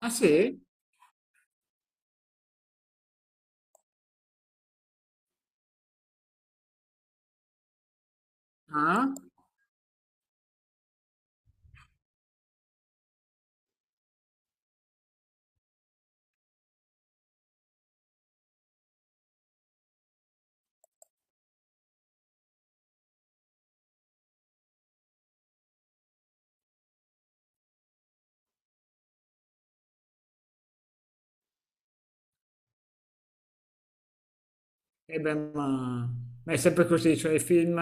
Ah, sì? Ah? E beh, ma è sempre così, cioè i film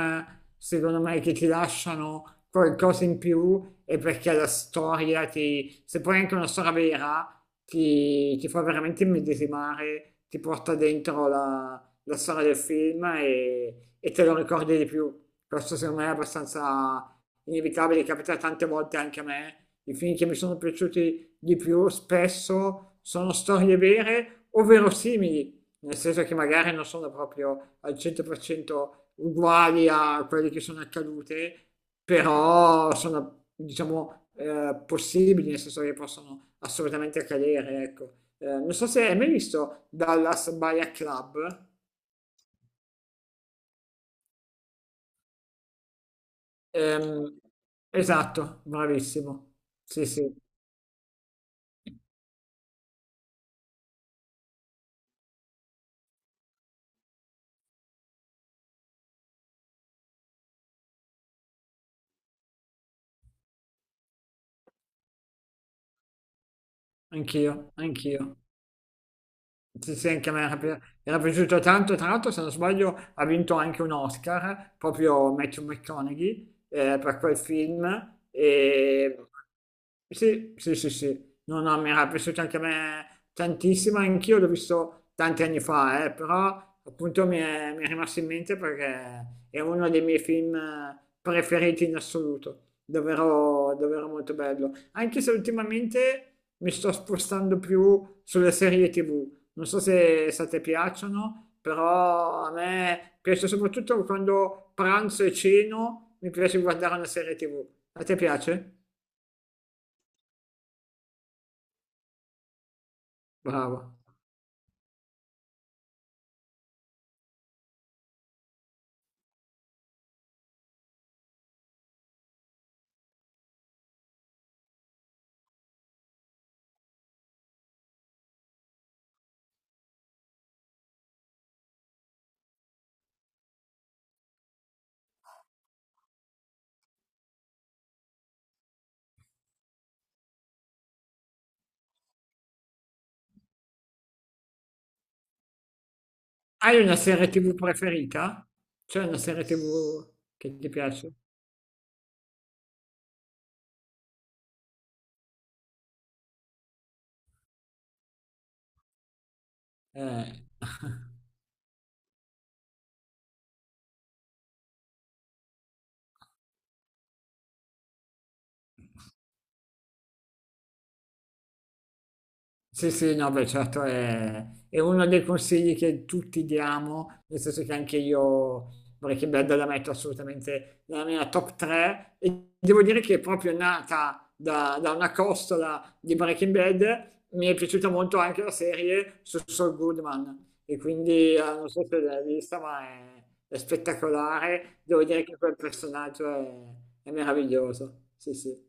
secondo me che ti lasciano qualcosa in più è perché la storia ti, se poi è anche una storia vera, ti fa veramente immedesimare, ti porta dentro la storia del film e te lo ricordi di più. Questo secondo me è abbastanza inevitabile, capita tante volte anche a me. I film che mi sono piaciuti di più spesso sono storie vere o verosimili nel senso che magari non sono proprio al 100% uguali a quelle che sono accadute, però sono, diciamo, possibili, nel senso che possono assolutamente accadere, ecco. Non so se hai mai visto Dallas Buyer Club. Ehm, esatto, bravissimo. Sì, sì, anch'io. Sì, sì, anche a me era, era piaciuto tanto, tra l'altro se non sbaglio ha vinto anche un Oscar, proprio Matthew McConaughey, per quel film. E... Sì, sì, sì, sì, no, no, mi era piaciuto anche a me tantissimo, anch'io l'ho visto tanti anni fa, però appunto mi è rimasto in mente perché è uno dei miei film preferiti in assoluto, davvero molto bello, anche se ultimamente mi sto spostando più sulle serie TV, non so se a te piacciono, però a me piace soprattutto quando pranzo e ceno, mi piace guardare una serie TV. A te piace? Bravo. Hai una serie TV preferita? C'è una serie TV che ti piace? Eh. Sì, sì, no, beh, certo è uno dei consigli che tutti diamo, nel senso che anche io Breaking Bad la metto assolutamente nella mia top 3 e devo dire che è proprio nata da una costola di Breaking Bad, mi è piaciuta molto anche la serie su Saul Goodman e quindi non so se l'hai vista, ma è spettacolare, devo dire che quel personaggio è meraviglioso, sì, sì.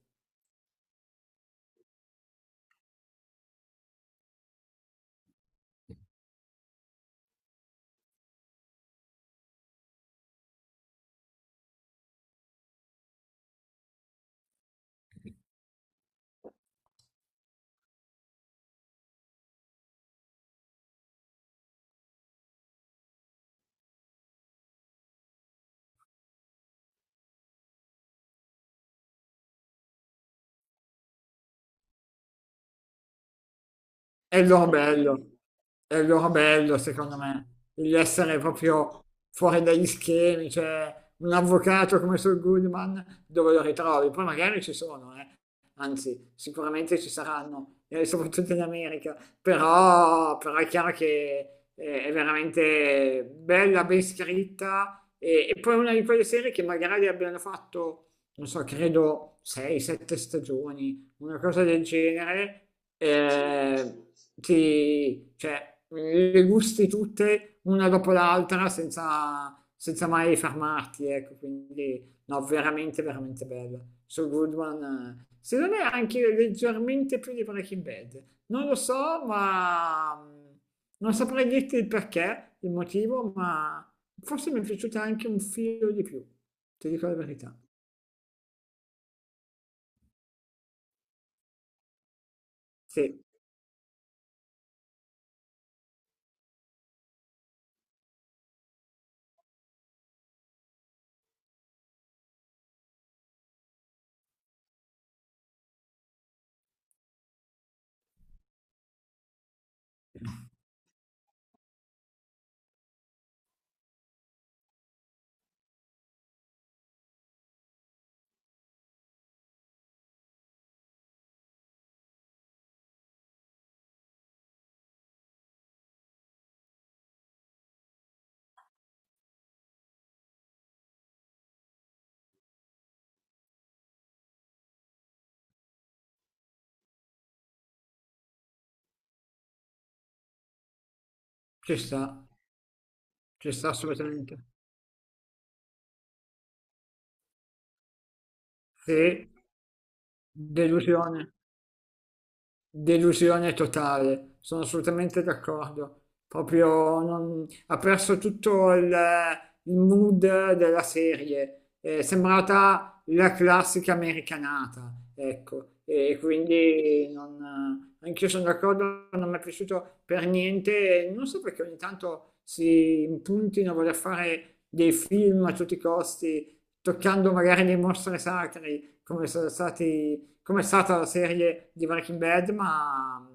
È il loro bello, è il loro bello secondo me, di essere proprio fuori dagli schemi, cioè un avvocato come Saul Goodman dove lo ritrovi? Poi magari ci sono, eh. Anzi, sicuramente ci saranno, soprattutto in America, però, però è chiaro che è veramente bella, ben scritta e poi una di quelle serie che magari abbiano fatto, non so, credo 6-7 stagioni una cosa del genere, eh, ti, cioè, le gusti tutte una dopo l'altra senza, senza mai fermarti, ecco, quindi no, veramente bella. So Good One, secondo me anche leggermente più di Breaking Bad. Non lo so, ma non saprei dirti il perché, il motivo, ma forse mi è piaciuta anche un filo di più, ti dico la verità. Sì, ci sta, ci sta assolutamente. Sì. Delusione, delusione totale, sono assolutamente d'accordo. Proprio non- Ha perso tutto il mood della serie, è sembrata la classica americanata, ecco, e quindi non, anch'io sono d'accordo, non mi è piaciuto per niente, non so perché ogni tanto si impuntino a voler fare dei film a tutti i costi, toccando magari dei mostri sacri, come sono stati come è stata la serie di Breaking Bad, ma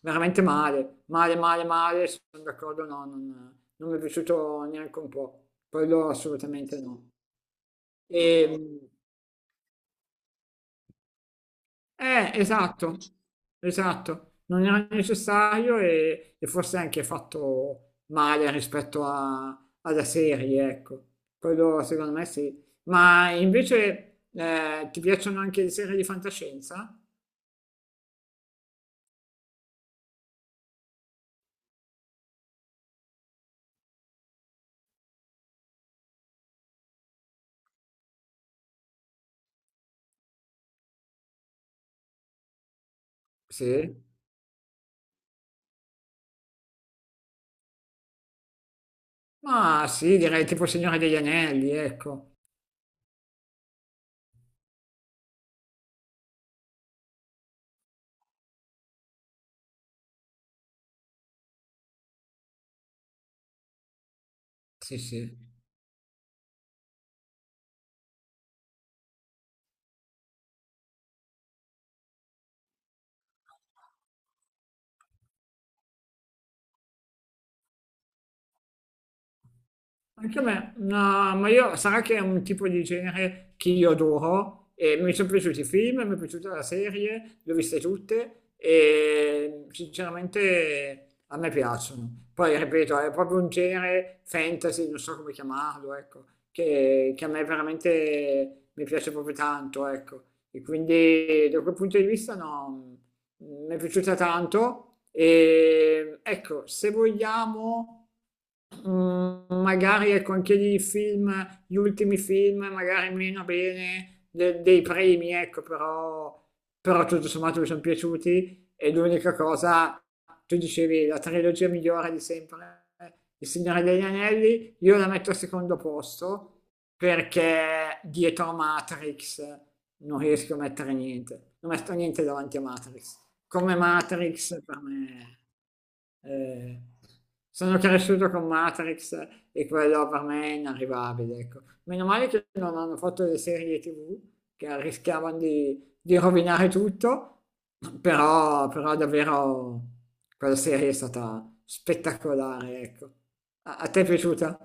veramente male, sono d'accordo, no, non mi è piaciuto neanche un po', quello assolutamente no. E, esatto, esatto, non era necessario e forse anche fatto male rispetto alla serie, ecco, quello secondo me sì. Ma invece ti piacciono anche le serie di fantascienza? Sì. Ma sì, direi tipo Signore degli Anelli, ecco. Sì, sì. Anche a me, no, ma io sarà che è un tipo di genere che io adoro e mi sono piaciuti i film, mi è piaciuta la serie, le ho viste tutte e sinceramente a me piacciono. Poi ripeto, è proprio un genere fantasy, non so come chiamarlo, ecco, che a me veramente mi piace proprio tanto, ecco. E quindi da quel punto di vista no, mi è piaciuta tanto e ecco, se vogliamo... Mm, magari ecco anche lì i film, gli ultimi film, magari meno bene dei primi, ecco, però, però tutto sommato mi sono piaciuti e l'unica cosa, tu dicevi, la trilogia migliore di sempre, Il Signore degli Anelli, io la metto al secondo posto perché dietro a Matrix non riesco a mettere niente, non metto niente davanti a Matrix. Come Matrix per me. Eh, sono cresciuto con Matrix e quello per me è inarrivabile, ecco. Meno male che non hanno fatto le serie TV che rischiavano di rovinare tutto, però, però davvero quella serie è stata spettacolare, ecco. A, a te è piaciuta?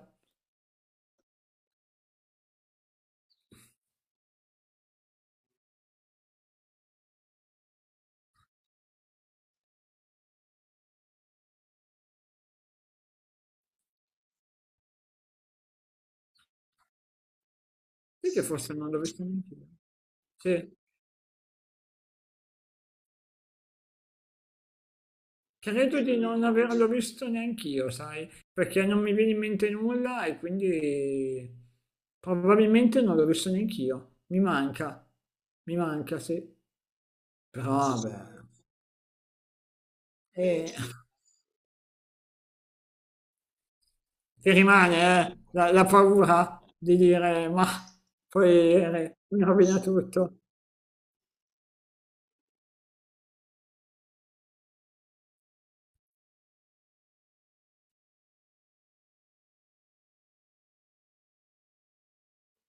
Sì, che forse non l'ho vista neanche io. Sì. Credo di non averlo visto neanch'io, sai, perché non mi viene in mente nulla e quindi probabilmente non l'ho visto neanch'io. Mi manca, sì. Però vabbè, eh, ti rimane la paura di dire, ma poi mi rovina tutto.